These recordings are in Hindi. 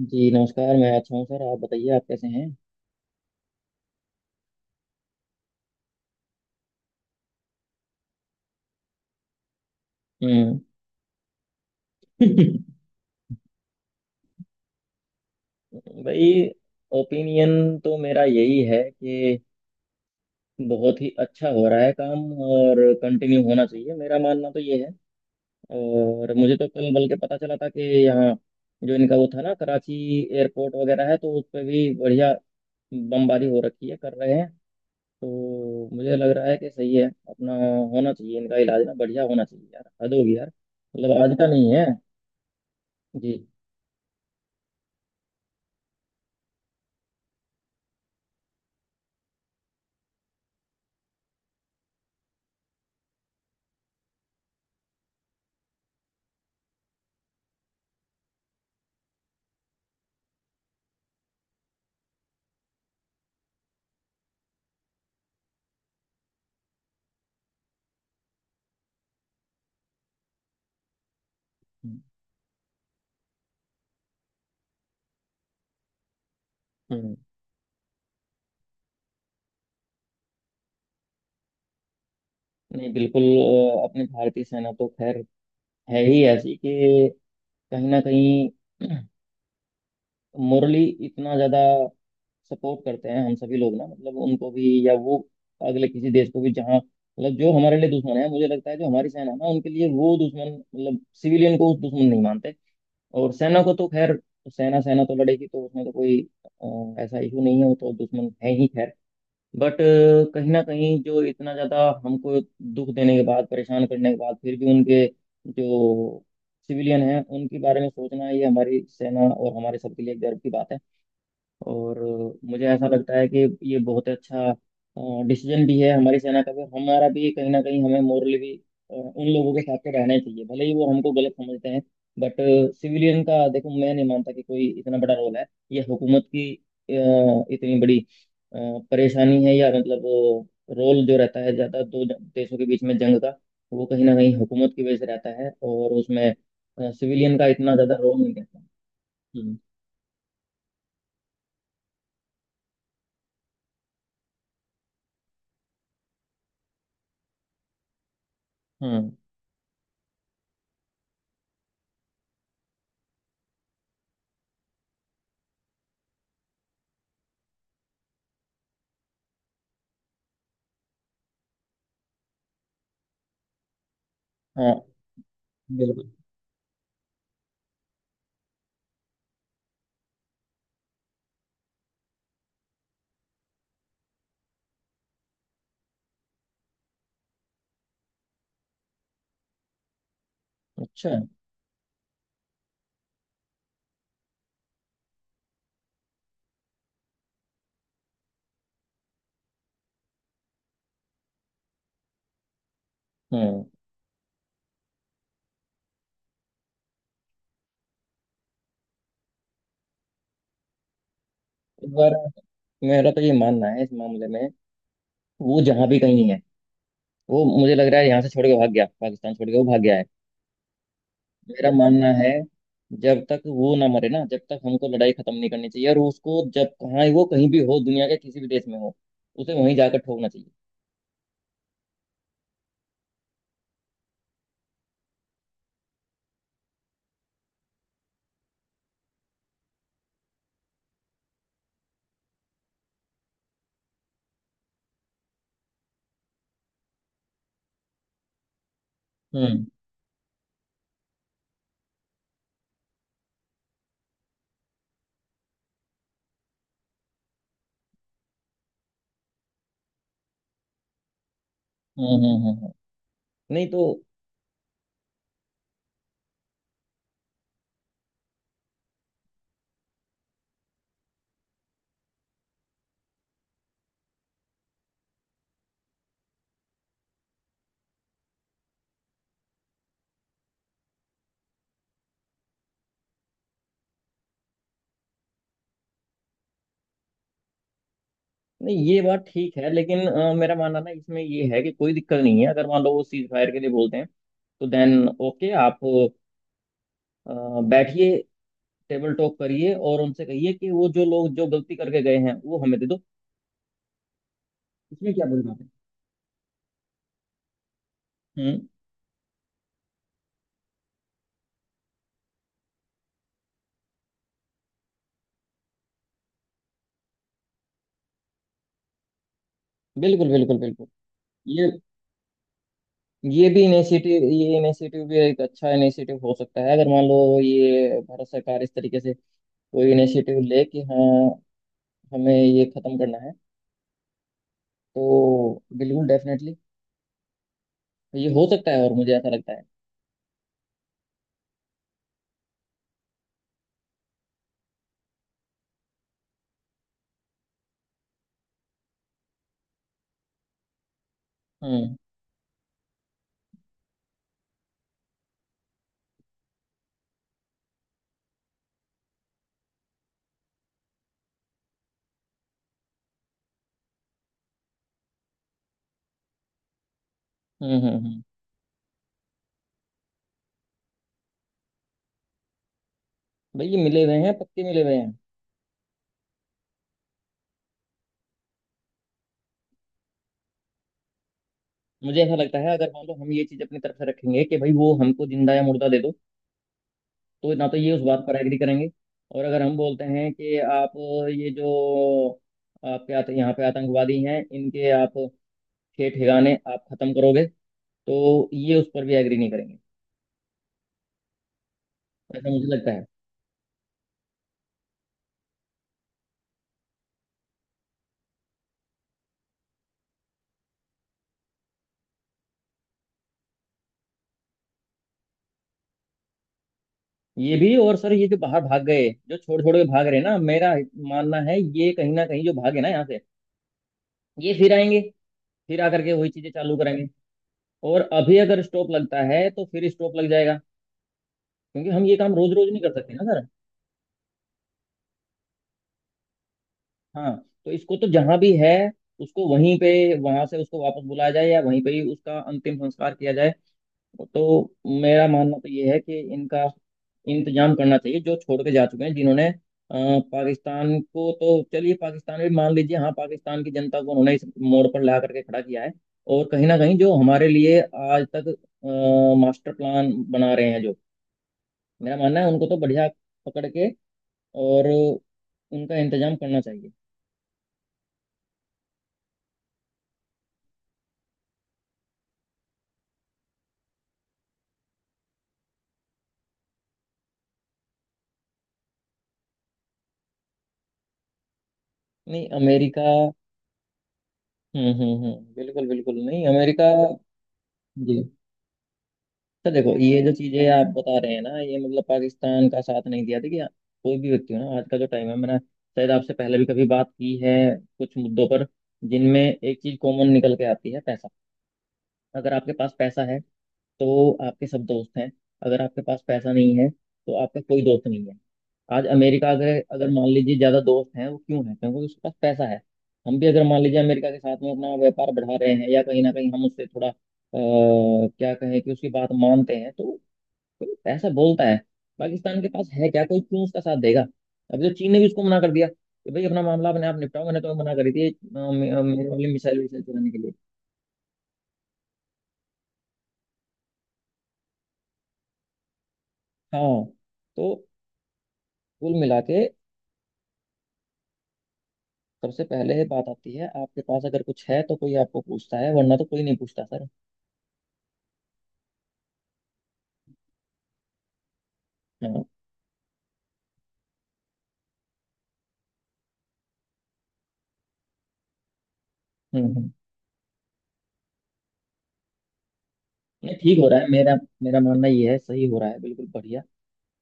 जी नमस्कार, मैं अच्छा हूँ। सर आप बताइए, आप कैसे हैं। हम्म। भाई, ओपिनियन तो मेरा यही है कि बहुत ही अच्छा हो रहा है काम, और कंटिन्यू होना चाहिए। मेरा मानना तो ये है। और मुझे तो कल बल्कि पता चला था कि यहाँ जो इनका वो था ना कराची एयरपोर्ट वगैरह है, तो उस पर भी बढ़िया बमबारी हो रखी है, कर रहे हैं। तो मुझे लग रहा है कि सही है। अपना होना चाहिए, इनका इलाज ना बढ़िया होना चाहिए यार। हद होगी यार, मतलब आज का नहीं है। जी। हम्म। नहीं, बिल्कुल। अपनी भारतीय सेना तो खैर है ही ऐसी कि कहीं ना कहीं मोरली इतना ज्यादा सपोर्ट करते हैं हम सभी लोग ना, मतलब उनको भी, या वो अगले किसी देश को भी जहाँ, मतलब जो हमारे लिए दुश्मन है। मुझे लगता है जो हमारी सेना है ना, उनके लिए वो दुश्मन, मतलब सिविलियन को उस दुश्मन नहीं मानते। और सेना को तो खैर, सेना सेना तो लड़ेगी, तो उसमें तो कोई ऐसा इशू नहीं है, वो तो दुश्मन है ही खैर। बट कहीं ना कहीं जो इतना ज़्यादा हमको दुख देने के बाद, परेशान करने के बाद, फिर भी उनके जो सिविलियन हैं उनके बारे में सोचना, ये हमारी सेना और हमारे सबके लिए गर्व की बात है। और मुझे ऐसा लगता है कि ये बहुत अच्छा डिसीजन भी है, हमारी सेना का भी, हमारा भी। कहीं ना कहीं हमें मोरली भी उन लोगों के साथ तो रहना ही चाहिए, भले ही वो हमको गलत समझते हैं। बट सिविलियन का देखो, मैं नहीं मानता कि कोई इतना बड़ा रोल है। ये हुकूमत की इतनी बड़ी अ, परेशानी है, या मतलब रोल जो रहता है ज़्यादा देशों के बीच में जंग का, वो कहीं ना कहीं हुकूमत की वजह से रहता है, और उसमें सिविलियन का इतना ज़्यादा रोल नहीं रहता। हम्म। हम्म। हाँ, बिल्कुल। अच्छा। हम्म। इस बार मेरा तो ये मानना है इस मामले में, वो जहां भी कहीं है, वो मुझे लग रहा है यहाँ से छोड़ के भाग गया, पाकिस्तान छोड़ के वो भाग गया है। मेरा मानना है जब तक वो ना मरे ना, जब तक हमको लड़ाई खत्म नहीं करनी चाहिए। और उसको जब कहाँ, वो कहीं भी हो दुनिया के किसी भी देश में हो, उसे वहीं जाकर ठोकना चाहिए। हम्म। हम्म। नहीं तो। नहीं, ये बात ठीक है। लेकिन मेरा मानना ना इसमें ये है कि कोई दिक्कत नहीं है, अगर मान लो वो सीज फायर के लिए बोलते हैं, तो देन ओके। आप अ, बैठिए, टेबल टॉक करिए, और उनसे कहिए कि वो जो लोग जो गलती करके गए हैं वो हमें दे दो। इसमें क्या बुरी बात है। हम्म। बिल्कुल बिल्कुल बिल्कुल। ये ये भी इनिशिएटिव ये इनिशिएटिव भी एक अच्छा इनिशिएटिव हो सकता है, अगर मान लो ये भारत सरकार इस तरीके से कोई इनिशिएटिव ले कि हाँ, हमें ये खत्म करना है, तो बिल्कुल डेफिनेटली ये हो सकता है। और मुझे ऐसा लगता है। हम्म। हम्म। भाई, ये मिले हुए हैं, पक्के मिले हुए हैं। मुझे ऐसा लगता है अगर मान लो हम ये चीज अपनी तरफ से रखेंगे कि भाई वो हमको जिंदा या मुर्दा दे दो, तो ना तो ये उस बात पर एग्री करेंगे। और अगर हम बोलते हैं कि आप ये जो यहाँ पे आतंकवादी हैं इनके आप ठे ठिकाने आप खत्म करोगे, तो ये उस पर भी एग्री नहीं करेंगे, ऐसा मुझे लगता है। ये भी। और सर ये जो बाहर भाग गए, जो छोड़ छोड़ के भाग रहे हैं ना, मेरा मानना है ये कहीं ना कहीं जो भागे ना यहाँ से, ये फिर आएंगे, फिर आकर के वही चीजें चालू करेंगे। और अभी अगर स्टॉप लगता है तो फिर स्टॉप लग जाएगा, क्योंकि हम ये काम रोज रोज नहीं कर सकते ना सर। हाँ। तो इसको तो जहां भी है उसको वहीं पे, वहां से उसको वापस बुलाया जाए, या वहीं पे ही उसका अंतिम संस्कार किया जाए। तो मेरा मानना तो ये है कि इनका इंतजाम करना चाहिए, जो छोड़ के जा चुके हैं, जिन्होंने पाकिस्तान को तो चलिए, पाकिस्तान भी मान लीजिए, हाँ पाकिस्तान की जनता को उन्होंने इस मोड़ पर ला करके खड़ा किया है। और कहीं ना कहीं जो हमारे लिए आज तक मास्टर प्लान बना रहे हैं, जो मेरा मानना है उनको तो बढ़िया पकड़ के और उनका इंतजाम करना चाहिए। नहीं, अमेरिका। बिल्कुल बिल्कुल। नहीं अमेरिका। जी। तो देखो ये जो चीजें आप बता रहे हैं ना, ये मतलब पाकिस्तान का साथ नहीं दिया। देखिए कोई भी व्यक्ति हो ना, आज का जो टाइम है, मैंने शायद आपसे पहले भी कभी बात की है कुछ मुद्दों पर, जिनमें एक चीज कॉमन निकल के आती है, पैसा। अगर आपके पास पैसा है तो आपके सब दोस्त हैं, अगर आपके पास पैसा नहीं है तो आपका कोई दोस्त नहीं है। आज अमेरिका अगर, मान लीजिए ज्यादा दोस्त हैं वो क्यों है, क्योंकि उसके पास पैसा है। हम भी अगर मान लीजिए अमेरिका के साथ में अपना व्यापार बढ़ा रहे हैं, या कहीं ना कहीं हम उससे थोड़ा क्या कहें कि उसकी बात मानते हैं, तो कोई पैसा बोलता है। पाकिस्तान के पास है क्या, कोई क्यों उसका साथ देगा। अभी तो चीन ने भी उसको मना कर दिया कि भाई अपना मामला अपने आप निपटाओ, मैंने तो मना करी थी मेरे वाली मिसाइल विसाइल चलाने के लिए। हाँ। तो कुल मिला के सबसे पहले बात आती है, आपके पास अगर कुछ है तो कोई आपको पूछता है, वरना तो कोई नहीं पूछता सर। हाँ। हम्म। ये ठीक हो रहा है। मेरा मेरा मानना ये है, सही हो रहा है बिल्कुल बढ़िया।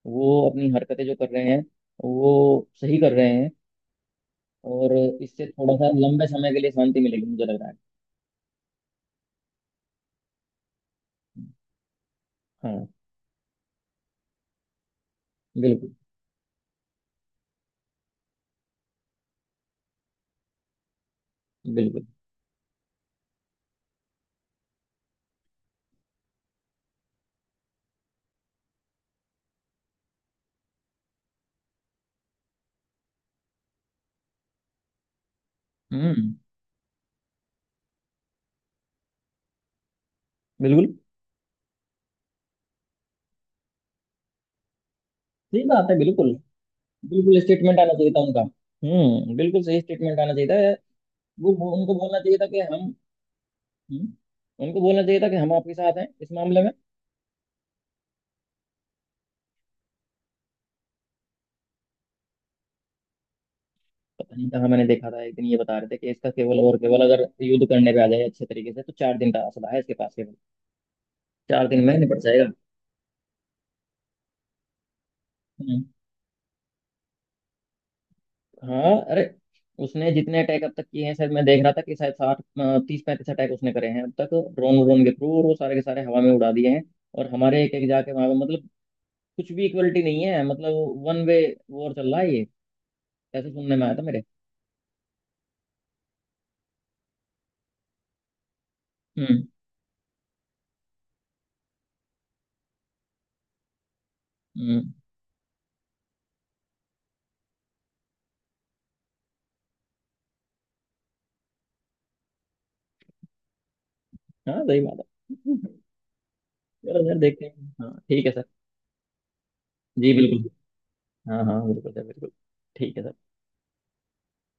वो अपनी हरकतें जो कर रहे हैं, वो सही कर रहे हैं। और इससे थोड़ा सा लंबे समय के लिए शांति मिलेगी मुझे लग रहा है। हाँ बिल्कुल बिल्कुल। हम्म। बिल्कुल। सही बात है बिल्कुल। बिल्कुल स्टेटमेंट आना चाहिए था उनका। हम्म, बिल्कुल, सही स्टेटमेंट आना चाहिए था। उनको बोलना चाहिए था कि हम। हम्म, उनको बोलना चाहिए था कि हम आपके साथ हैं इस मामले में। पता नहीं कहाँ मैंने देखा था एक दिन, ये बता रहे थे कि इसका केवल और केवल अगर युद्ध करने पे आ जाए अच्छे तरीके से, तो 4 दिन का हौसला है इसके पास, केवल 4 दिन में निपट जाएगा। हम्म। हाँ अरे, उसने जितने अटैक अब तक किए हैं, शायद मैं देख रहा था कि शायद 60, 30 35 अटैक उसने करे हैं अब तक, ड्रोन व्रोन के थ्रू, और वो सारे के सारे हवा में उड़ा दिए हैं। और हमारे एक एक जाके वहां पे, मतलब कुछ भी इक्वलिटी नहीं है, मतलब वन वे वॉर चल रहा है ये, ऐसे सुनने में आया था मेरे। हम्म। हम्म। हाँ सही बात है। चलो सर, देखते हैं। हाँ ठीक है सर। जी बिल्कुल। हाँ हाँ बिल्कुल है, बिल्कुल। ठीक है।